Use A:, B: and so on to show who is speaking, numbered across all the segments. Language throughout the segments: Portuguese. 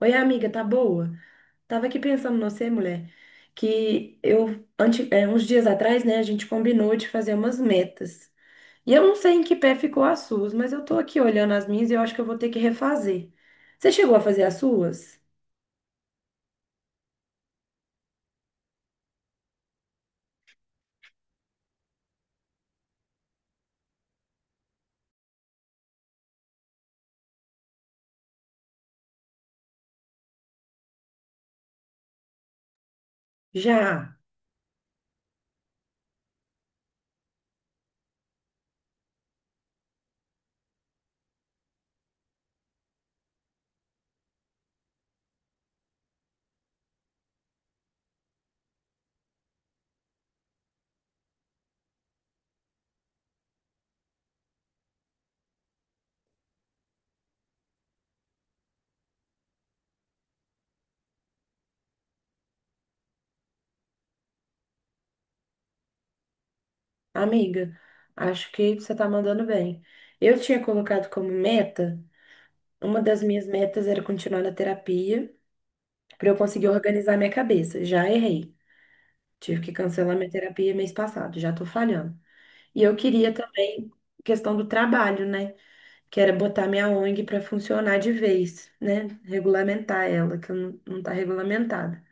A: Oi, amiga, tá boa? Tava aqui pensando em você, mulher, que eu, ante, uns dias atrás, né, a gente combinou de fazer umas metas. E eu não sei em que pé ficou as suas, mas eu tô aqui olhando as minhas e eu acho que eu vou ter que refazer. Você chegou a fazer as suas? Já, amiga. Acho que você tá mandando bem. Eu tinha colocado como meta, uma das minhas metas era continuar na terapia, pra eu conseguir organizar minha cabeça. Já errei. Tive que cancelar minha terapia mês passado, já tô falhando. E eu queria também questão do trabalho, né? Que era botar minha ONG para funcionar de vez, né? Regulamentar ela, que eu não tá regulamentada.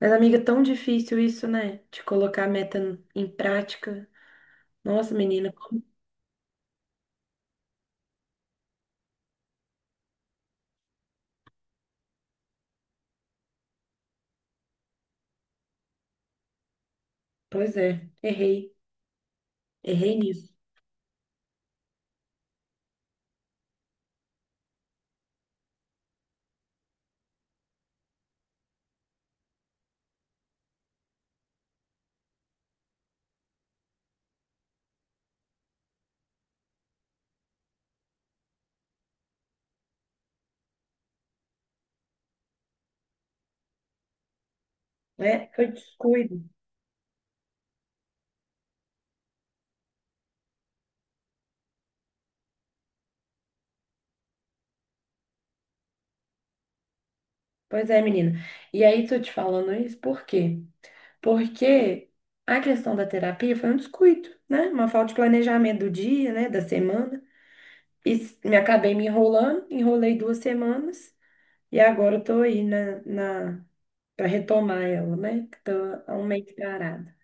A: Mas, amiga, é tão difícil isso, né? De colocar a meta em prática. Nossa, menina, como... Pois é, errei. Errei nisso, né? Foi descuido. Pois é, menina. E aí, tô te falando isso por quê? Porque a questão da terapia foi um descuido, né? Uma falta de planejamento do dia, né? Da semana. E me acabei me enrolando, enrolei duas semanas e agora eu tô aí na, na para retomar ela, né? Que tô há um mês parada.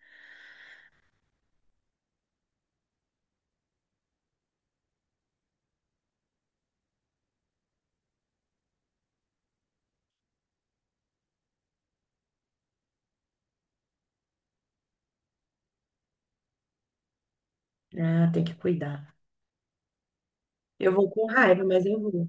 A: Ah, tem que cuidar. Eu vou com raiva, mas eu vou,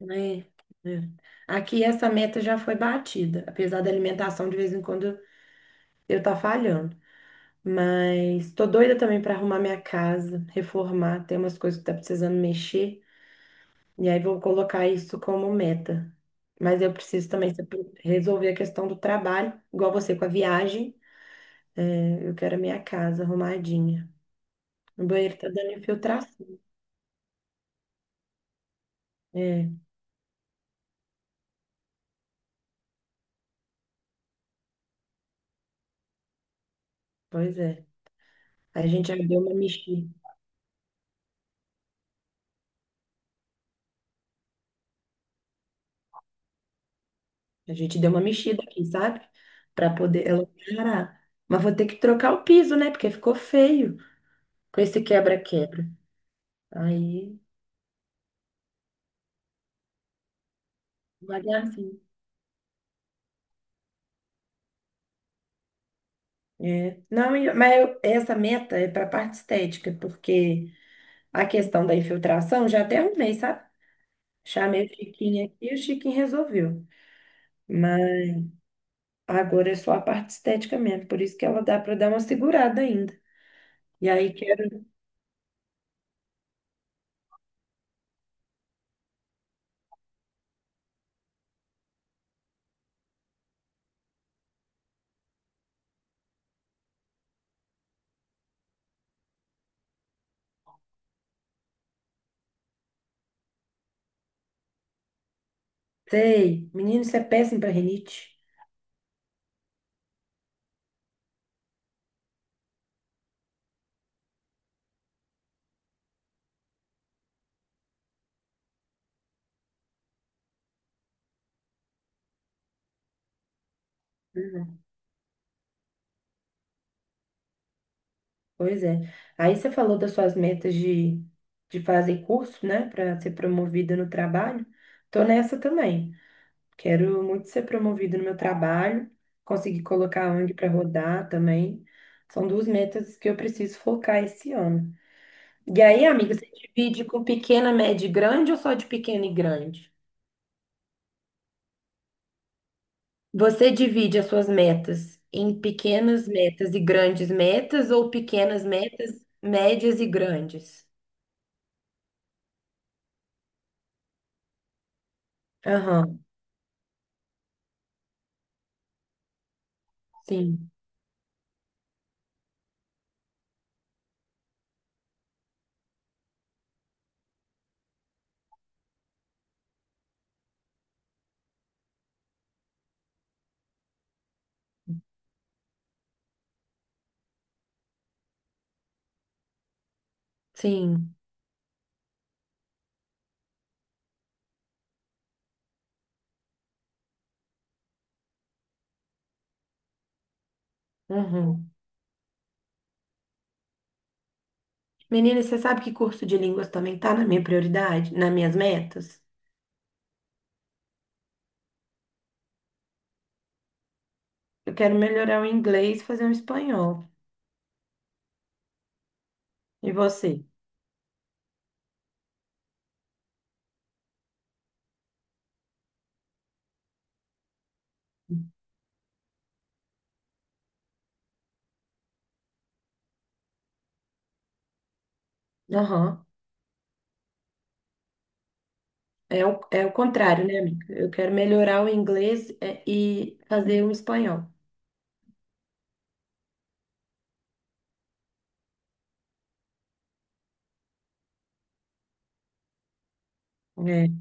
A: né? É. Aqui essa meta já foi batida, apesar da alimentação de vez em quando eu tá falhando. Mas tô doida também para arrumar minha casa, reformar, tem umas coisas que tá precisando mexer. E aí vou colocar isso como meta. Mas eu preciso também saber resolver a questão do trabalho, igual você com a viagem. É, eu quero a minha casa arrumadinha. O banheiro tá dando infiltração. É, pois é. A gente já deu uma mexida. A gente deu uma mexida aqui, sabe? Para poder ela parar. Mas vou ter que trocar o piso, né? Porque ficou feio com esse quebra-quebra. Aí, devagarzinho. É. Não, mas essa meta é para a parte estética, porque a questão da infiltração, já até arrumei, sabe? Chamei o Chiquinho aqui e o Chiquinho resolveu. Mas agora é só a parte estética mesmo, por isso que ela dá para dar uma segurada ainda. E aí quero, sei, menino, isso é péssimo para rinite. Uhum. Pois é. Aí você falou das suas metas de fazer curso, né, para ser promovida no trabalho. Tô nessa também. Quero muito ser promovida no meu trabalho, conseguir colocar a ONG para rodar também. São duas metas que eu preciso focar esse ano. E aí, amiga, você divide com pequena, média e grande ou só de pequena e grande? Você divide as suas metas em pequenas metas e grandes metas ou pequenas metas, médias e grandes? Aham, sim, sim. Uhum. Menina, você sabe que curso de línguas também tá na minha prioridade, nas minhas metas? Eu quero melhorar o inglês, e fazer um espanhol. E você? Aham. É o contrário, né, amiga? Eu quero melhorar o inglês é, e fazer um espanhol. É.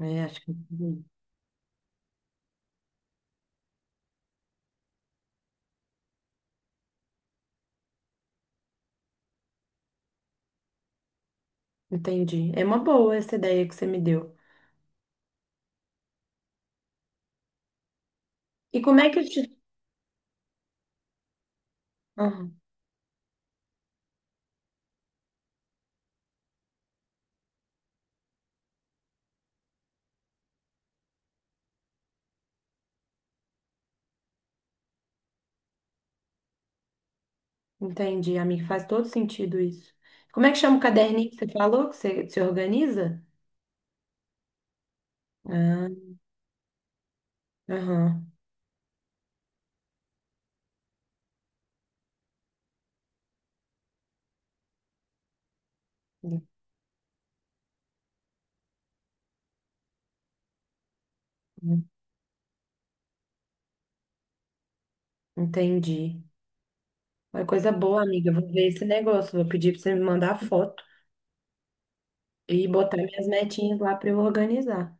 A: É, acho que entendi. É uma boa essa ideia que você me deu. E como é que eu te. Aham, entendi, amiga. Faz todo sentido isso. Como é que chama o caderninho que você falou que você se organiza? Ah, aham. Entendi. Uma coisa boa, amiga. Eu vou ver esse negócio. Vou pedir pra você me mandar a foto e botar minhas metinhas lá pra eu organizar.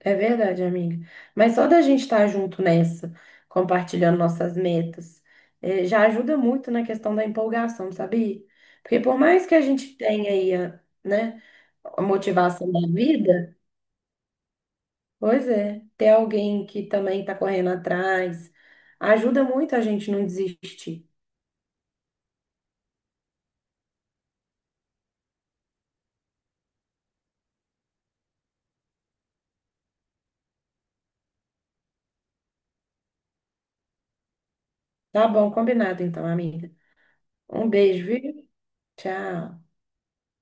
A: É verdade, amiga. Mas só da gente estar junto nessa, compartilhando nossas metas, já ajuda muito na questão da empolgação, sabia? Porque por mais que a gente tenha né, a motivação da vida, pois é, ter alguém que também está correndo atrás ajuda muito a gente não desistir. Tá bom, combinado então, amiga. Um beijo, viu? Tchau.